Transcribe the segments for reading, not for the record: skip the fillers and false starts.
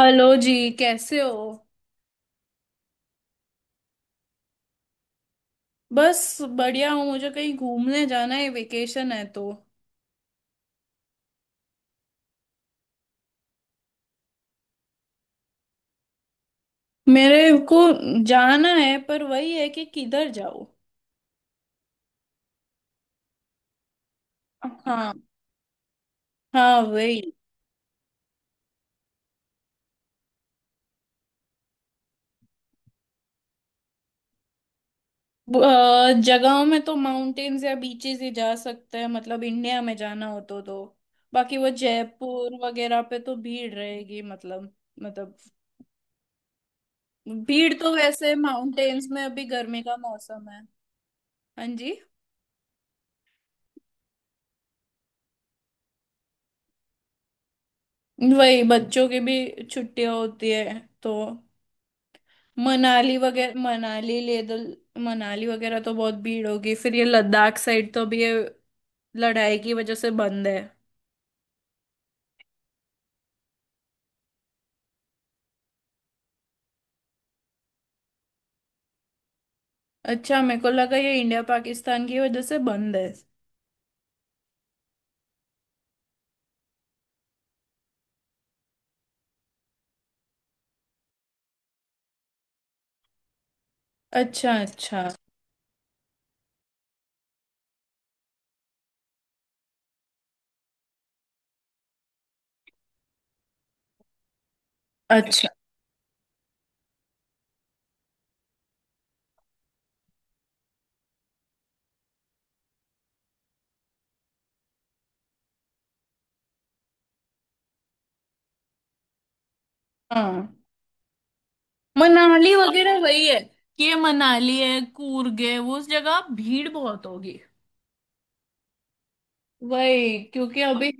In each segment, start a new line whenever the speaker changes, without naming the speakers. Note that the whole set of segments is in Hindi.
हेलो जी, कैसे हो। बस बढ़िया हूँ, मुझे कहीं घूमने जाना है, वेकेशन है तो। मेरे को जाना है पर वही है कि किधर जाओ। हाँ, हाँ वही। जगहों में तो माउंटेन्स या बीचेस ही जा सकते हैं, मतलब इंडिया में जाना हो तो। बाकी वो जयपुर वगैरह पे तो भीड़ रहेगी, मतलब भीड़ तो वैसे माउंटेन्स में अभी गर्मी का मौसम है। हाँ जी। वही बच्चों की भी छुट्टियां होती है तो मनाली वगैरह, मनाली वगैरह तो बहुत भीड़ होगी। फिर ये लद्दाख साइड तो अभी ये लड़ाई की वजह से बंद है। अच्छा, मेरे को लगा ये इंडिया पाकिस्तान की वजह से बंद है। अच्छा, अच्छा। अच्छा, हाँ। मनाली वगैरह वही है कि ये मनाली है, कूर्ग है, वो उस जगह भीड़ बहुत होगी। वही क्योंकि अभी।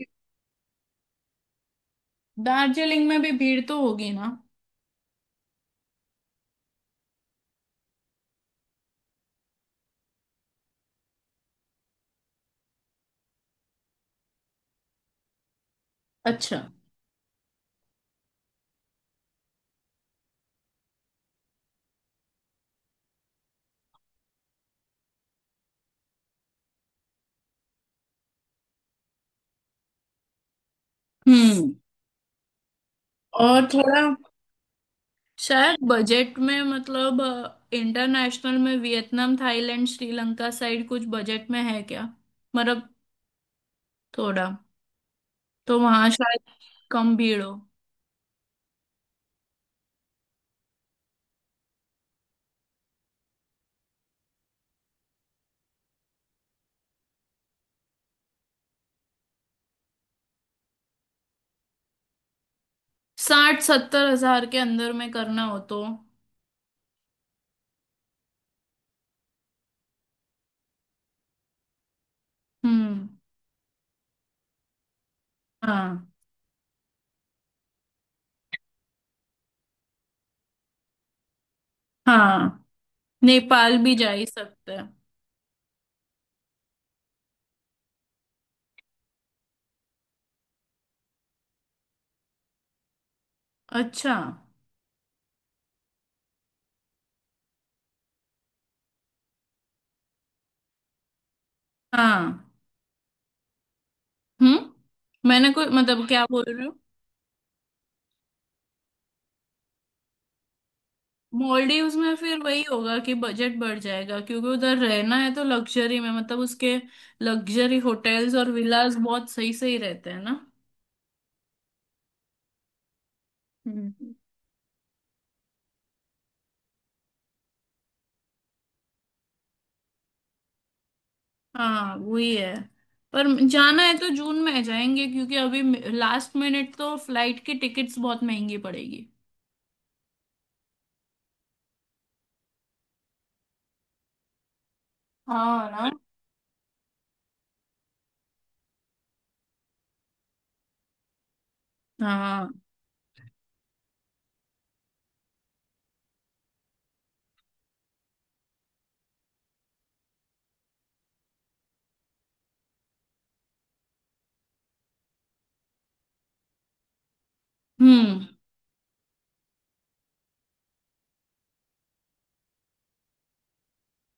दार्जिलिंग में भी भीड़ तो होगी ना। अच्छा। हम्म। और थोड़ा शायद बजट में, मतलब इंटरनेशनल में वियतनाम, थाईलैंड, श्रीलंका साइड कुछ बजट में है क्या? मतलब थोड़ा तो वहां शायद कम भीड़ हो। 60-70 हज़ार के अंदर में करना हो तो। हम्म। हाँ, हाँ नेपाल भी जा ही सकते हैं। अच्छा। हाँ। हम्म। मैंने कोई मतलब, क्या बोल रही। मॉलडीव्स में फिर वही होगा कि बजट बढ़ जाएगा क्योंकि उधर रहना है तो लग्जरी में, मतलब उसके लग्जरी होटल्स और विलास बहुत सही सही रहते हैं ना। हम्म। हाँ वही है। पर जाना है तो जून में जाएंगे क्योंकि अभी लास्ट मिनट तो फ्लाइट की टिकट्स बहुत महंगी पड़ेगी। हाँ ना। हाँ। हम्म।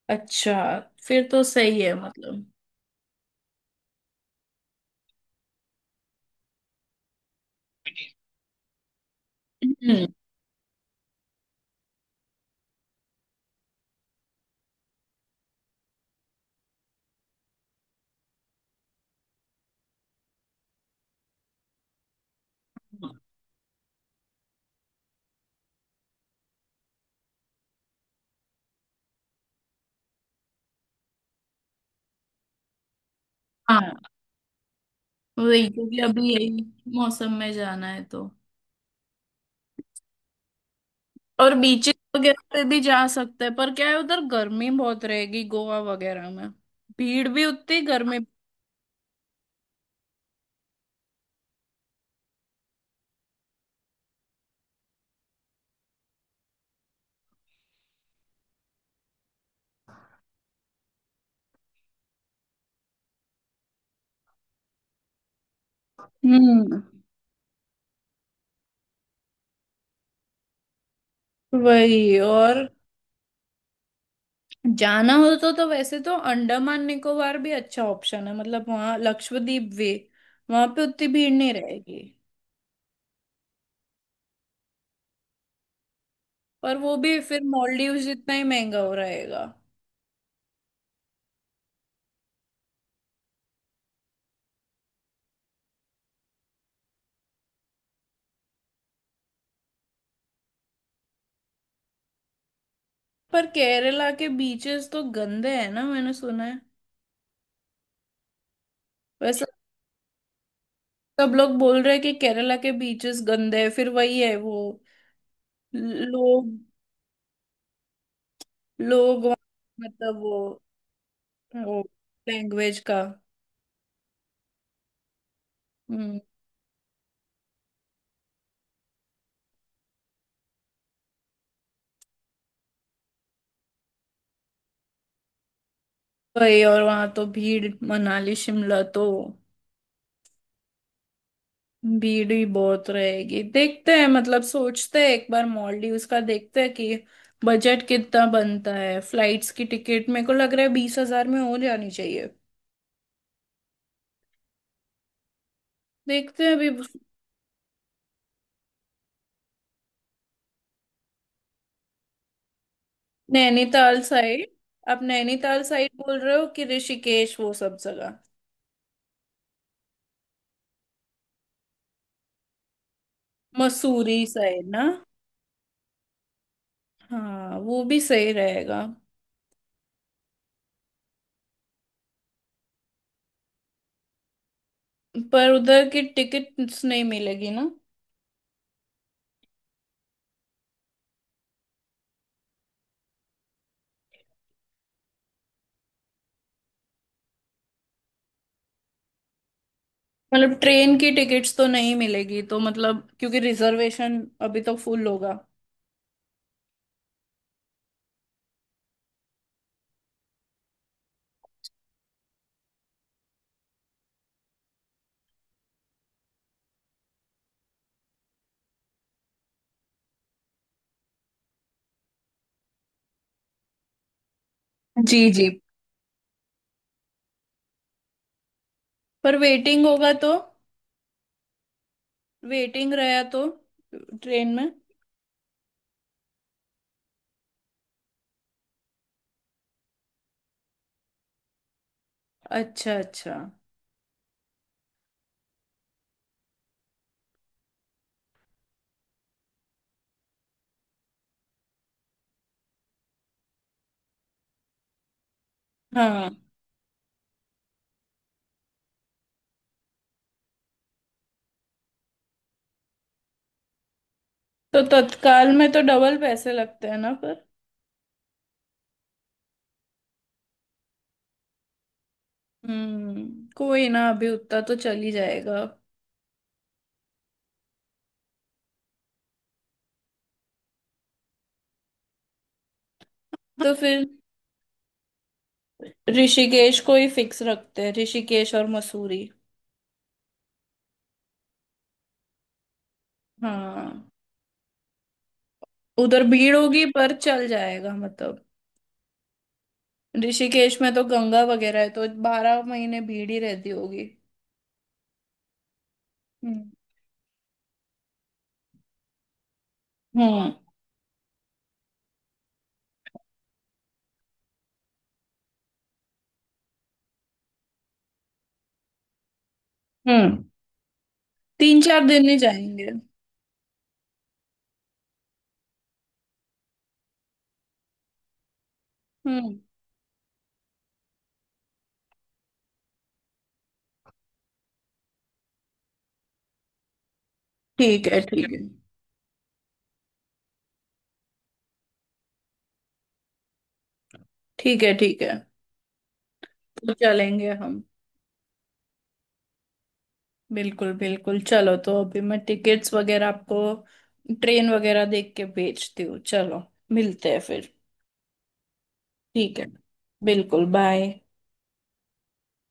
अच्छा, फिर तो सही है, मतलब। हम्म। हाँ वही क्योंकि अभी यही मौसम में जाना है तो। और बीचेस वगैरह पे भी जा सकते हैं पर क्या है, उधर गर्मी बहुत रहेगी, गोवा वगैरह में। भीड़ भी उतनी, गर्मी भी। हम्म। वही। और जाना हो तो वैसे तो अंडमान निकोबार भी अच्छा ऑप्शन है, मतलब वहाँ लक्षद्वीप वे वहां पे उतनी भीड़ नहीं रहेगी। पर वो भी फिर मॉलडीव जितना ही महंगा हो रहेगा। पर केरला के बीचेस तो गंदे हैं ना, मैंने सुना है। वैसे सब लोग बोल रहे हैं कि केरला के बीचेस गंदे हैं, फिर वही है वो। लोग, लोग वहाँ, मतलब वो लैंग्वेज का। हम्म, वही। और वहाँ तो भीड़, मनाली शिमला तो भीड़ ही बहुत रहेगी। देखते हैं, मतलब सोचते हैं एक बार, मॉलडीव्स का देखते हैं कि बजट कितना बनता है। फ्लाइट्स की टिकट मेरे को लग रहा है 20 हज़ार में हो जानी चाहिए। देखते हैं अभी। नैनीताल साइड? आप नैनीताल साइड बोल रहे हो कि ऋषिकेश वो सब जगह? मसूरी साइड ना। हाँ, वो भी सही रहेगा। पर उधर की टिकट्स नहीं मिलेगी ना। मतलब ट्रेन की टिकट्स तो नहीं मिलेगी तो, मतलब क्योंकि रिजर्वेशन अभी तो फुल होगा। जी जी। पर वेटिंग होगा तो। वेटिंग रहा तो ट्रेन में। अच्छा, अच्छा। हाँ तो तत्काल में तो डबल पैसे लगते हैं ना पर। हम्म, कोई ना, अभी उतना तो चल ही जाएगा। तो फिर ऋषिकेश को ही फिक्स रखते हैं, ऋषिकेश और मसूरी। हाँ। उधर भीड़ होगी पर चल जाएगा, मतलब ऋषिकेश में तो गंगा वगैरह है तो 12 महीने भीड़ ही रहती होगी। हम्म, हम्म, हम्म। 3-4 दिन ही जाएंगे। हम्म। ठीक है, ठीक है। ठीक है, ठीक है। तो चलेंगे हम। बिल्कुल, बिल्कुल, चलो तो अभी मैं टिकट्स वगैरह आपको, ट्रेन वगैरह देख के भेजती हूँ। चलो, मिलते हैं फिर। ठीक है। बिल्कुल। बाय।